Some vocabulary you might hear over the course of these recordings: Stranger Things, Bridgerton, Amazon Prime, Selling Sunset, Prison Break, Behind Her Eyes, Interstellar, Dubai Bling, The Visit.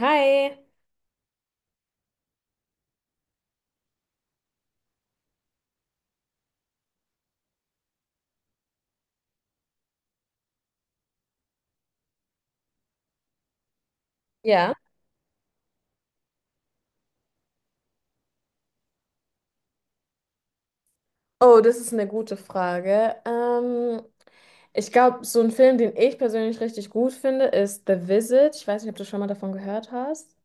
Hi. Ja. Oh, das ist eine gute Frage. Ich glaube, so ein Film, den ich persönlich richtig gut finde, ist The Visit. Ich weiß nicht, ob du schon mal davon gehört hast.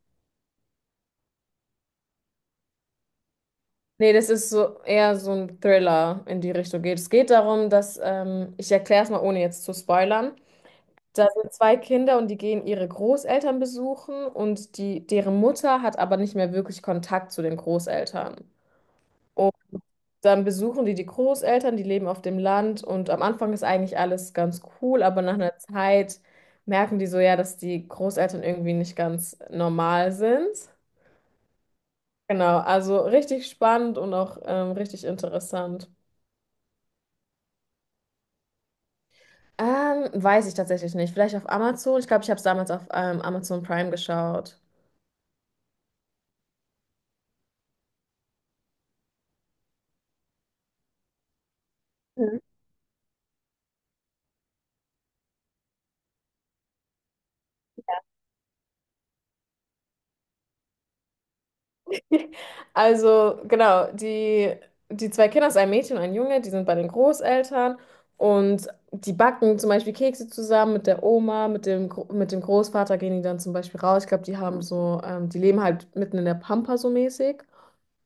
Nee, das ist so eher so ein Thriller in die Richtung geht. Es geht darum, dass, ich erkläre es mal, ohne jetzt zu spoilern. Da sind zwei Kinder und die gehen ihre Großeltern besuchen und die, deren Mutter hat aber nicht mehr wirklich Kontakt zu den Großeltern. Dann besuchen die die Großeltern, die leben auf dem Land und am Anfang ist eigentlich alles ganz cool, aber nach einer Zeit merken die so ja, dass die Großeltern irgendwie nicht ganz normal sind. Genau, also richtig spannend und auch richtig interessant. Weiß ich tatsächlich nicht. Vielleicht auf Amazon. Ich glaube, ich habe es damals auf Amazon Prime geschaut. Also, genau, die, die zwei Kinder, ist ein Mädchen und ein Junge, die sind bei den Großeltern und die backen zum Beispiel Kekse zusammen mit der Oma, mit dem Großvater gehen die dann zum Beispiel raus. Ich glaube, die haben so, die leben halt mitten in der Pampa so mäßig.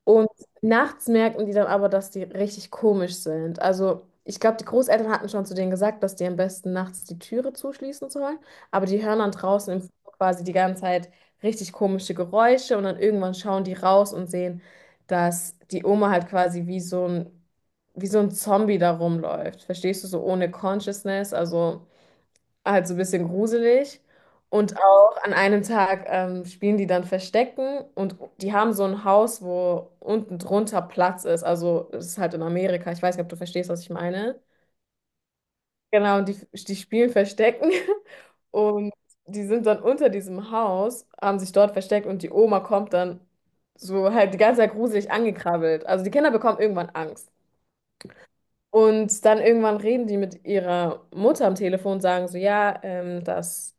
Und nachts merken die dann aber, dass die richtig komisch sind. Also ich glaube, die Großeltern hatten schon zu denen gesagt, dass die am besten nachts die Türe zuschließen sollen. Aber die hören dann draußen im Flur quasi die ganze Zeit richtig komische Geräusche und dann irgendwann schauen die raus und sehen, dass die Oma halt quasi wie so ein Zombie da rumläuft. Verstehst du, so ohne Consciousness, also ein bisschen gruselig. Und auch an einem Tag spielen die dann Verstecken und die haben so ein Haus, wo unten drunter Platz ist. Also das ist halt in Amerika. Ich weiß nicht, ob du verstehst, was ich meine. Genau, und die spielen Verstecken und die sind dann unter diesem Haus, haben sich dort versteckt und die Oma kommt dann so halt die ganze Zeit gruselig angekrabbelt. Also die Kinder bekommen irgendwann Angst. Und dann irgendwann reden die mit ihrer Mutter am Telefon und sagen so, ja, dass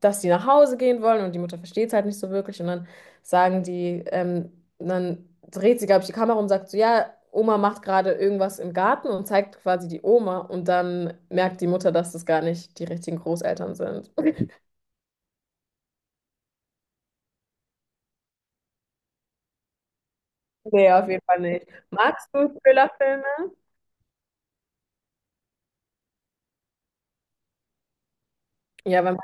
dass die nach Hause gehen wollen und die Mutter versteht es halt nicht so wirklich. Und dann sagen die, dann dreht sie, glaube ich, die Kamera um und sagt so, ja, Oma macht gerade irgendwas im Garten und zeigt quasi die Oma. Und dann merkt die Mutter, dass das gar nicht die richtigen Großeltern sind. Nee, auf jeden Fall nicht. Magst du Thriller-Filme? Ja, weil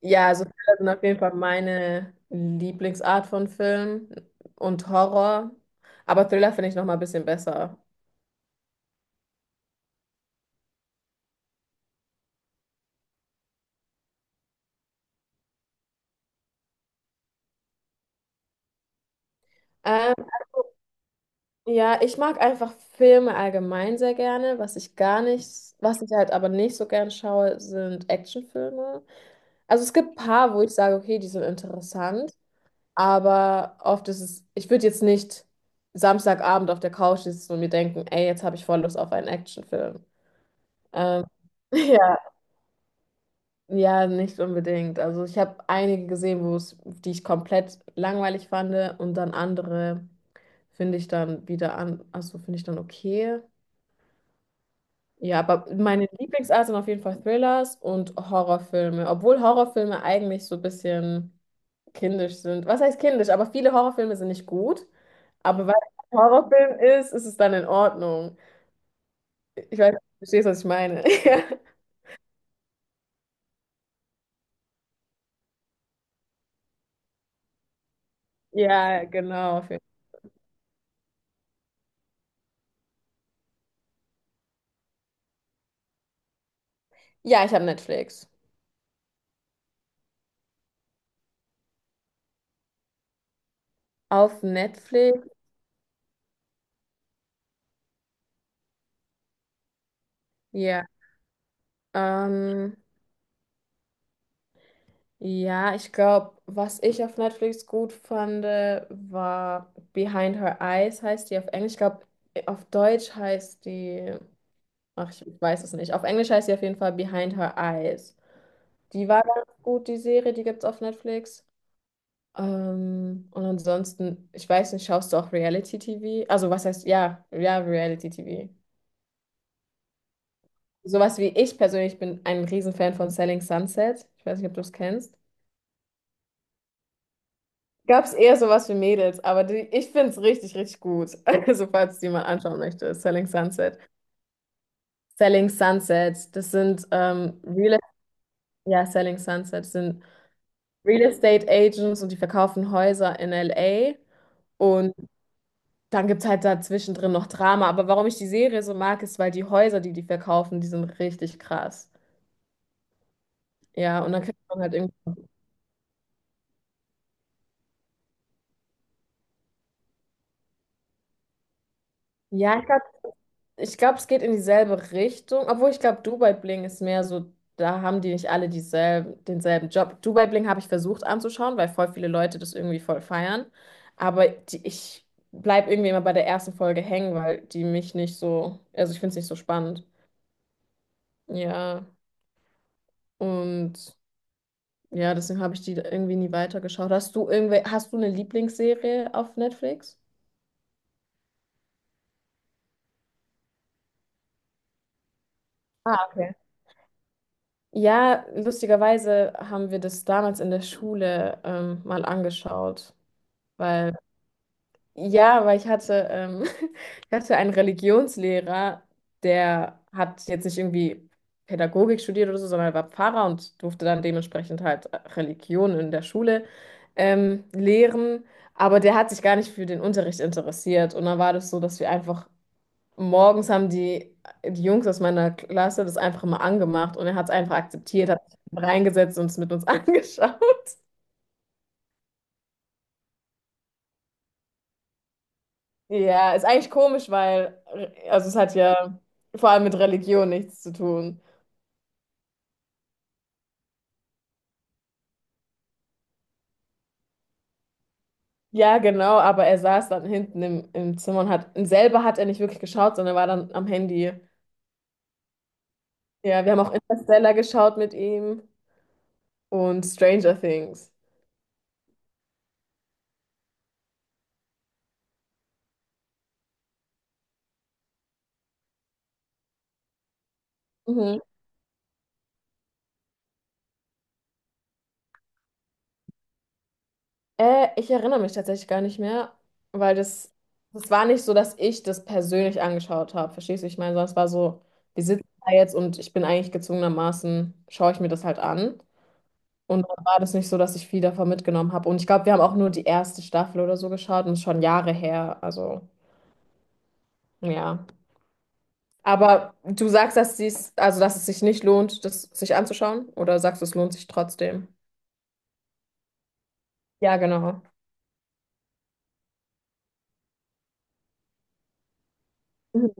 ja, also Thriller sind auf jeden Fall meine Lieblingsart von Film und Horror. Aber Thriller finde ich noch mal ein bisschen besser. Ja, ich mag einfach Filme allgemein sehr gerne. Was ich halt aber nicht so gern schaue, sind Actionfilme. Also es gibt ein paar, wo ich sage, okay, die sind interessant, aber oft ist es, ich würde jetzt nicht Samstagabend auf der Couch sitzen und mir denken, ey, jetzt habe ich voll Lust auf einen Actionfilm. Ähm, ja, ja, nicht unbedingt. Also ich habe einige gesehen, wo es, die ich komplett langweilig fand und dann andere finde ich dann wieder an, also finde ich dann okay. Ja, aber meine Lieblingsart sind auf jeden Fall Thrillers und Horrorfilme. Obwohl Horrorfilme eigentlich so ein bisschen kindisch sind. Was heißt kindisch? Aber viele Horrorfilme sind nicht gut. Aber weil es ein Horrorfilm ist, ist es dann in Ordnung. Ich weiß, du verstehst, was ich meine. Ja, genau. Ja, ich habe Netflix. Auf Netflix? Ja. Ähm, Ja, ich glaube, was ich auf Netflix gut fand, war Behind Her Eyes, heißt die auf Englisch. Ich glaube, auf Deutsch heißt die, ach, ich weiß es nicht. Auf Englisch heißt sie auf jeden Fall Behind Her Eyes. Die war ganz gut, die Serie, die gibt's auf Netflix. Und ansonsten, ich weiß nicht, schaust du auch Reality-TV? Also, was heißt, ja, ja, Reality-TV. Sowas wie ich persönlich bin ein Riesenfan von Selling Sunset. Ich weiß nicht, ob du es kennst. Gab es eher sowas für Mädels, aber die, ich finde es richtig, richtig gut. Also, falls die mal anschauen möchte, Selling Sunset. Selling Sunset, das sind Real, ja, Selling Sunset sind Real Estate Agents und die verkaufen Häuser in LA. Und dann gibt es halt dazwischen drin noch Drama. Aber warum ich die Serie so mag, ist, weil die Häuser, die die verkaufen, die sind richtig krass. Ja, und dann kriegt man halt irgendwie. Ja, ich glaube, es geht in dieselbe Richtung, obwohl ich glaube, Dubai Bling ist mehr so, da haben die nicht alle dieselben, denselben Job. Dubai Bling habe ich versucht anzuschauen, weil voll viele Leute das irgendwie voll feiern. Aber die, ich bleibe irgendwie immer bei der ersten Folge hängen, weil die mich nicht so, also ich finde es nicht so spannend. Ja, und ja, deswegen habe ich die irgendwie nie weitergeschaut. Hast du irgendwie, hast du eine Lieblingsserie auf Netflix? Ah, okay. Ja, lustigerweise haben wir das damals in der Schule mal angeschaut. Weil, ja, weil ich hatte einen Religionslehrer, der hat jetzt nicht irgendwie Pädagogik studiert oder so, sondern er war Pfarrer und durfte dann dementsprechend halt Religion in der Schule lehren. Aber der hat sich gar nicht für den Unterricht interessiert. Und dann war das so, dass wir einfach morgens haben die, die Jungs aus meiner Klasse das einfach mal angemacht und er hat es einfach akzeptiert, hat sich reingesetzt und es mit uns angeschaut. Ja, ist eigentlich komisch, weil, also es hat ja vor allem mit Religion nichts zu tun. Ja, genau, aber er saß dann hinten im Zimmer und selber hat er nicht wirklich geschaut, sondern war dann am Handy. Ja, wir haben auch Interstellar geschaut mit ihm und Stranger Things. Mhm. Ich erinnere mich tatsächlich gar nicht mehr, weil das war nicht so, dass ich das persönlich angeschaut habe. Verstehst du? Ich meine, sondern es war so, wir sitzen da jetzt und ich bin eigentlich gezwungenermaßen, schaue ich mir das halt an. Und dann war das nicht so, dass ich viel davon mitgenommen habe. Und ich glaube, wir haben auch nur die erste Staffel oder so geschaut und es ist schon Jahre her. Also, ja. Aber du sagst, also dass es sich nicht lohnt, das sich anzuschauen? Oder sagst du, es lohnt sich trotzdem? Ja, genau. Mhm.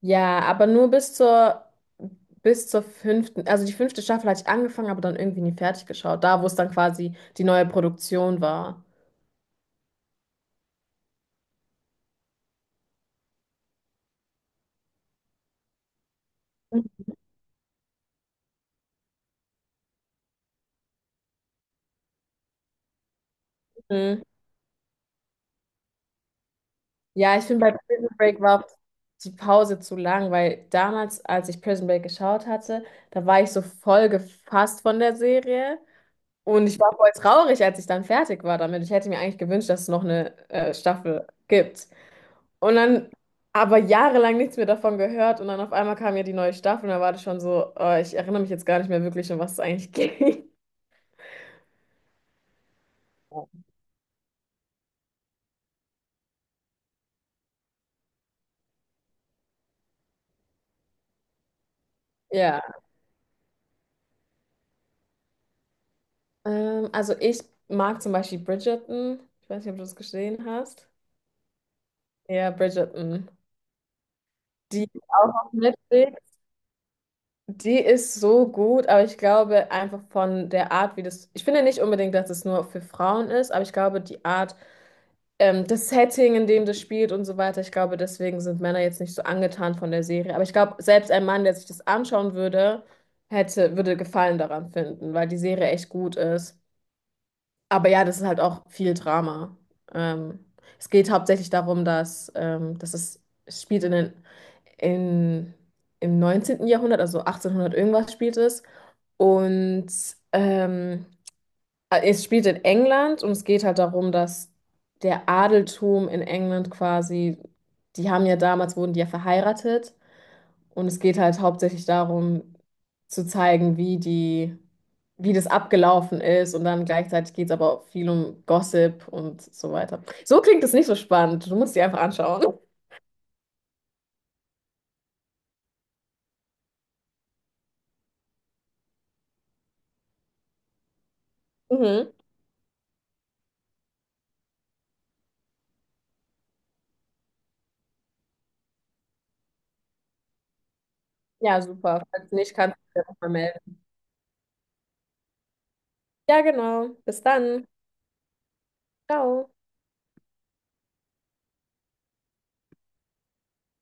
Ja, aber nur bis zur fünften, also die fünfte Staffel hatte ich angefangen, aber dann irgendwie nie fertig geschaut. Da, wo es dann quasi die neue Produktion war. Mhm. Ja, ich finde, bei Prison Break war auch die Pause zu lang, weil damals, als ich Prison Break geschaut hatte, da war ich so voll gefasst von der Serie und ich war voll traurig, als ich dann fertig war damit. Ich hätte mir eigentlich gewünscht, dass es noch eine Staffel gibt. Und dann aber jahrelang nichts mehr davon gehört und dann auf einmal kam ja die neue Staffel und da war das schon so, ich erinnere mich jetzt gar nicht mehr wirklich, um was es eigentlich ging. Ja, also ich mag zum Beispiel Bridgerton. Ich weiß nicht, ob du das gesehen hast. Ja, Bridgerton. Die auch auf Netflix, die ist so gut, aber ich glaube einfach von der Art, wie das. Ich finde nicht unbedingt, dass es nur für Frauen ist, aber ich glaube, die Art, das Setting, in dem das spielt und so weiter, ich glaube, deswegen sind Männer jetzt nicht so angetan von der Serie. Aber ich glaube, selbst ein Mann, der sich das anschauen würde, hätte, würde Gefallen daran finden, weil die Serie echt gut ist. Aber ja, das ist halt auch viel Drama. Ähm, es geht hauptsächlich darum, dass es spielt in, im neunzehnten Jahrhundert, also 1800 irgendwas spielt es. Und ähm, es spielt in England und es geht halt darum, dass der Adeltum in England quasi, die haben ja damals, wurden die ja verheiratet. Und es geht halt hauptsächlich darum, zu zeigen, wie die, wie das abgelaufen ist. Und dann gleichzeitig geht es aber auch viel um Gossip und so weiter. So klingt es nicht so spannend. Du musst die einfach anschauen. Mhm. Ja, super. Falls nicht, kannst du dich ja nochmal melden. Ja, genau. Bis dann. Ciao.